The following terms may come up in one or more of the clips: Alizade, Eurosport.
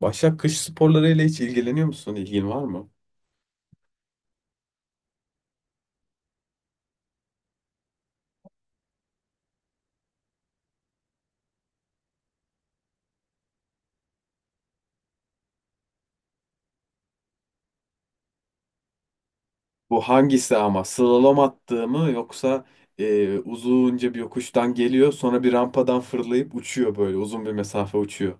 Başak, kış sporlarıyla hiç ilgileniyor musun? İlgin var mı? Bu hangisi ama? Slalom attığı mı, yoksa uzunca bir yokuştan geliyor, sonra bir rampadan fırlayıp uçuyor, böyle uzun bir mesafe uçuyor.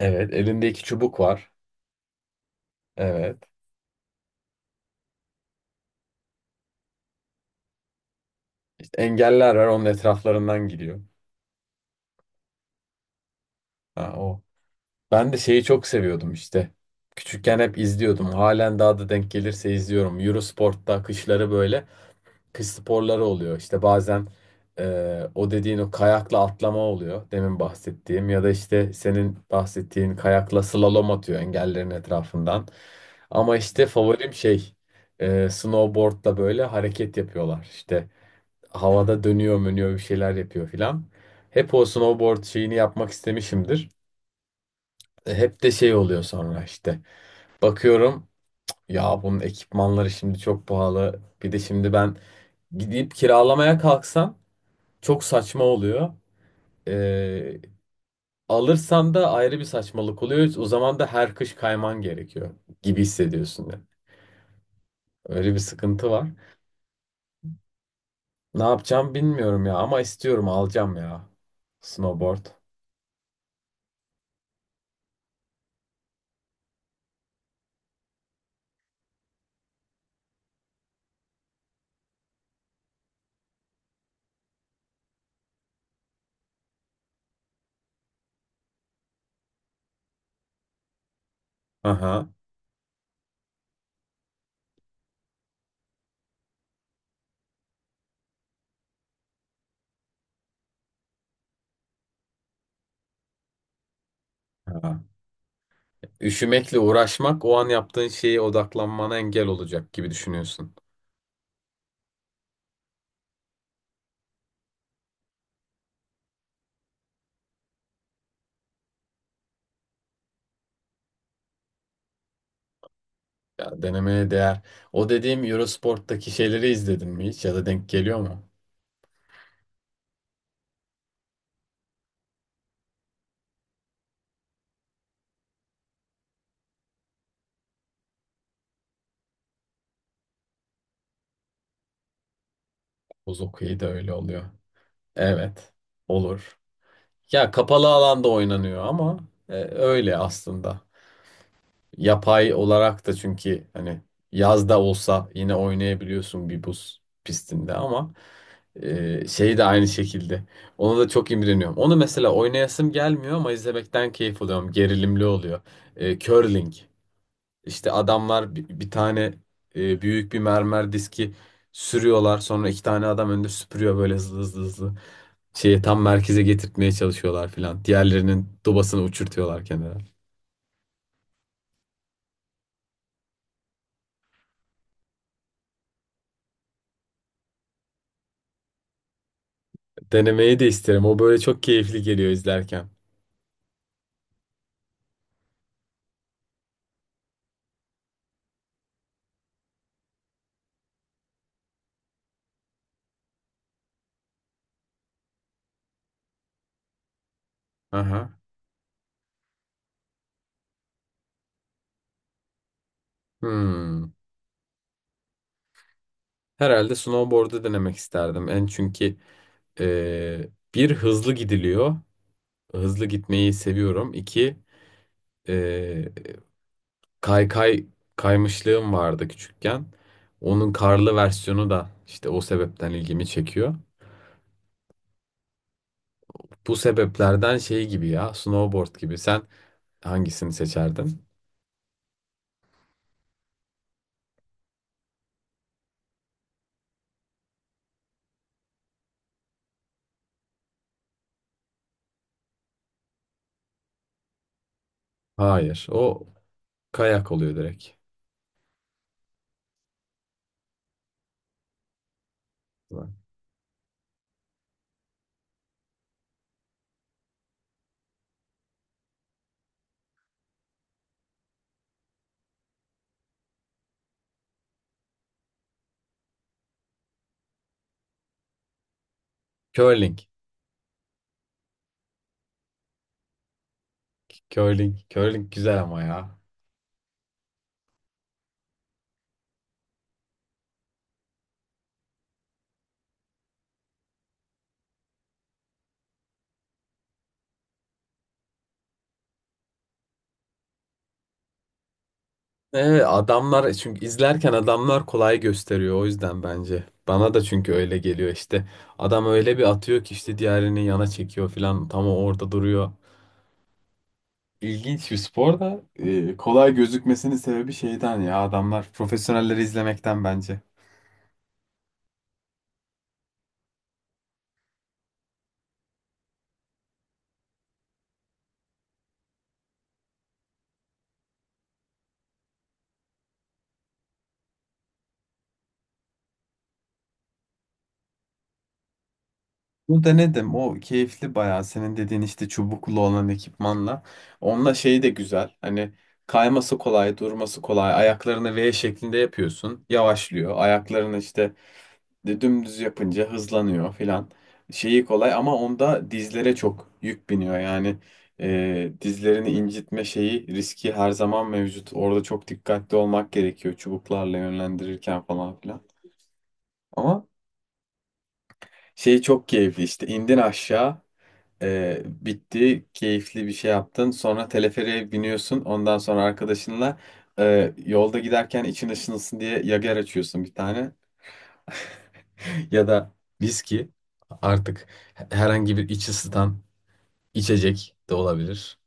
Evet, elinde iki çubuk var. Evet. İşte engeller var, onun etraflarından gidiyor. Ha, o. Ben de şeyi çok seviyordum işte. Küçükken hep izliyordum. Halen daha da denk gelirse izliyorum. Eurosport'ta kışları böyle kış sporları oluyor. İşte bazen o dediğin, o kayakla atlama oluyor. Demin bahsettiğim ya da işte senin bahsettiğin kayakla slalom atıyor engellerin etrafından. Ama işte favorim şey, snowboardla böyle hareket yapıyorlar. İşte havada dönüyor mönüyor, bir şeyler yapıyor filan. Hep o snowboard şeyini yapmak istemişimdir. Hep de şey oluyor sonra işte. Bakıyorum, ya bunun ekipmanları şimdi çok pahalı. Bir de şimdi ben gidip kiralamaya kalksam çok saçma oluyor. Ee, Alırsan da ayrı bir saçmalık oluyor. O zaman da her kış kayman gerekiyor gibi hissediyorsun ya. Öyle bir sıkıntı var. Ne yapacağım bilmiyorum ya, ama istiyorum, alacağım ya. Snowboard. Aha. Aha. Üşümekle uğraşmak o an yaptığın şeye odaklanmana engel olacak gibi düşünüyorsun. Ya, denemeye değer. O dediğim Eurosport'taki şeyleri izledin mi hiç, ya da denk geliyor mu? Buz hokeyi de öyle oluyor. Evet. Olur. Ya kapalı alanda oynanıyor ama öyle aslında. Yapay olarak da, çünkü hani yazda olsa yine oynayabiliyorsun bir buz pistinde, ama şey de aynı şekilde. Ona da çok imreniyorum. Onu mesela oynayasım gelmiyor ama izlemekten keyif alıyorum. Gerilimli oluyor. Curling. İşte adamlar bir tane büyük bir mermer diski sürüyorlar. Sonra iki tane adam önünde süpürüyor, böyle hızlı hızlı hızlı şeyi tam merkeze getirtmeye çalışıyorlar filan. Diğerlerinin dobasını uçurtuyorlar kenara. Denemeyi de isterim. O böyle çok keyifli geliyor izlerken. Aha. Hmm. Herhalde snowboard'u denemek isterdim. En çünkü e, bir hızlı gidiliyor. Hızlı gitmeyi seviyorum. İki, e, kaykay kaymışlığım vardı küçükken. Onun karlı versiyonu da işte o sebepten ilgimi çekiyor. Bu sebeplerden şey gibi, ya snowboard gibi. Sen hangisini seçerdin? Hayır. O kayak oluyor direkt. Curling. Curling. Curling güzel ama ya. Evet, adamlar, çünkü izlerken adamlar kolay gösteriyor, o yüzden bence. Bana da çünkü öyle geliyor işte. Adam öyle bir atıyor ki işte diğerini yana çekiyor falan, tam o orada duruyor. İlginç bir spor da, kolay gözükmesinin sebebi şeyden, ya adamlar, profesyonelleri izlemekten bence. Bunu denedim. O keyifli bayağı, senin dediğin işte çubuklu olan ekipmanla. Onunla şeyi de güzel. Hani kayması kolay, durması kolay. Ayaklarını V şeklinde yapıyorsun, yavaşlıyor. Ayaklarını işte dümdüz yapınca hızlanıyor filan. Şeyi kolay, ama onda dizlere çok yük biniyor. Yani dizlerini incitme şeyi riski her zaman mevcut. Orada çok dikkatli olmak gerekiyor çubuklarla yönlendirirken falan filan. Ama şey çok keyifli, işte indin aşağı. Bitti, keyifli bir şey yaptın. Sonra teleferiğe biniyorsun. Ondan sonra arkadaşınla yolda giderken için ışınılsın diye yager açıyorsun bir tane. Ya da viski, artık herhangi bir iç ısıtan içecek de olabilir.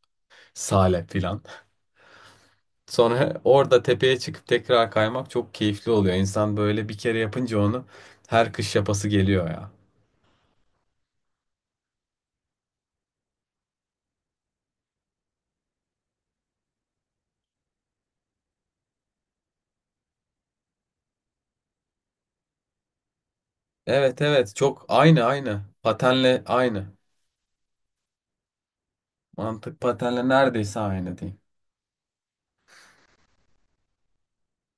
Sale filan. Sonra orada tepeye çıkıp tekrar kaymak çok keyifli oluyor. İnsan böyle bir kere yapınca onu her kış yapası geliyor ya. Evet, evet, çok aynı aynı. Patenle aynı. Mantık patenle neredeyse aynı diyeyim.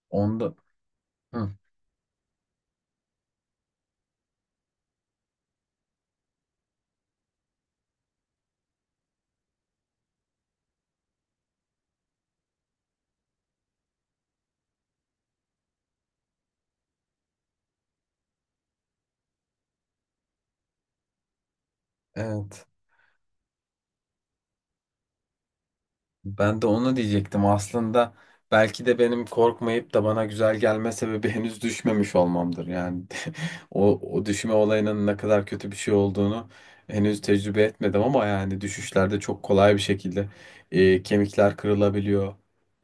Onda. Hı, evet. Ben de onu diyecektim. Aslında belki de benim korkmayıp da bana güzel gelme sebebi henüz düşmemiş olmamdır. Yani o, o düşme olayının ne kadar kötü bir şey olduğunu henüz tecrübe etmedim, ama yani düşüşlerde çok kolay bir şekilde kemikler kırılabiliyor.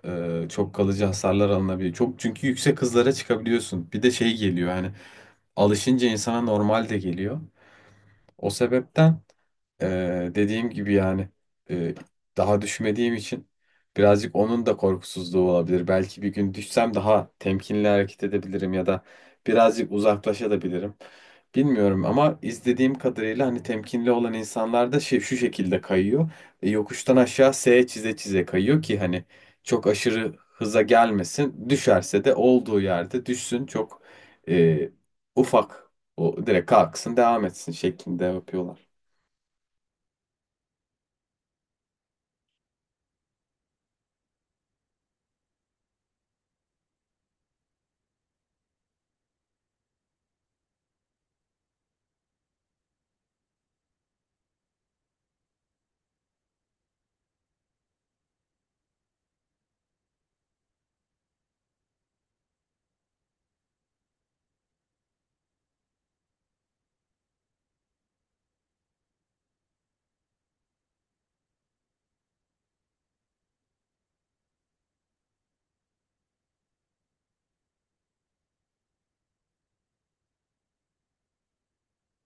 Çok kalıcı hasarlar alınabiliyor. Çok, çünkü yüksek hızlara çıkabiliyorsun. Bir de şey geliyor, yani alışınca insana normal de geliyor. O sebepten. Dediğim gibi yani, e, daha düşmediğim için birazcık onun da korkusuzluğu olabilir. Belki bir gün düşsem daha temkinli hareket edebilirim, ya da birazcık uzaklaşabilirim. Bilmiyorum, ama izlediğim kadarıyla hani temkinli olan insanlar da şey, şu şekilde kayıyor. Yokuştan aşağı S çize çize kayıyor ki hani çok aşırı hıza gelmesin. Düşerse de olduğu yerde düşsün, çok e, ufak, o direkt kalksın devam etsin şeklinde yapıyorlar.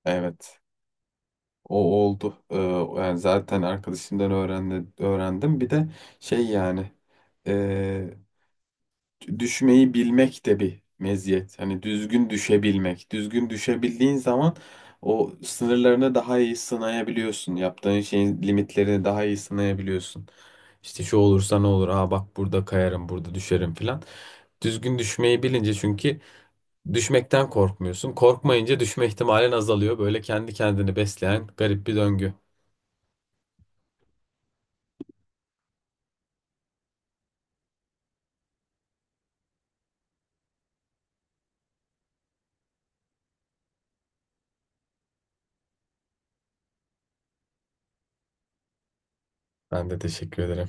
Evet. O oldu. Yani zaten arkadaşımdan öğrendim. Bir de şey yani, e, düşmeyi bilmek de bir meziyet. Hani düzgün düşebilmek. Düzgün düşebildiğin zaman o sınırlarını daha iyi sınayabiliyorsun. Yaptığın şeyin limitlerini daha iyi sınayabiliyorsun. İşte şu olursa ne olur? Aa bak, burada kayarım, burada düşerim filan. Düzgün düşmeyi bilince çünkü düşmekten korkmuyorsun. Korkmayınca düşme ihtimalin azalıyor. Böyle kendi kendini besleyen garip bir döngü. Ben de teşekkür ederim.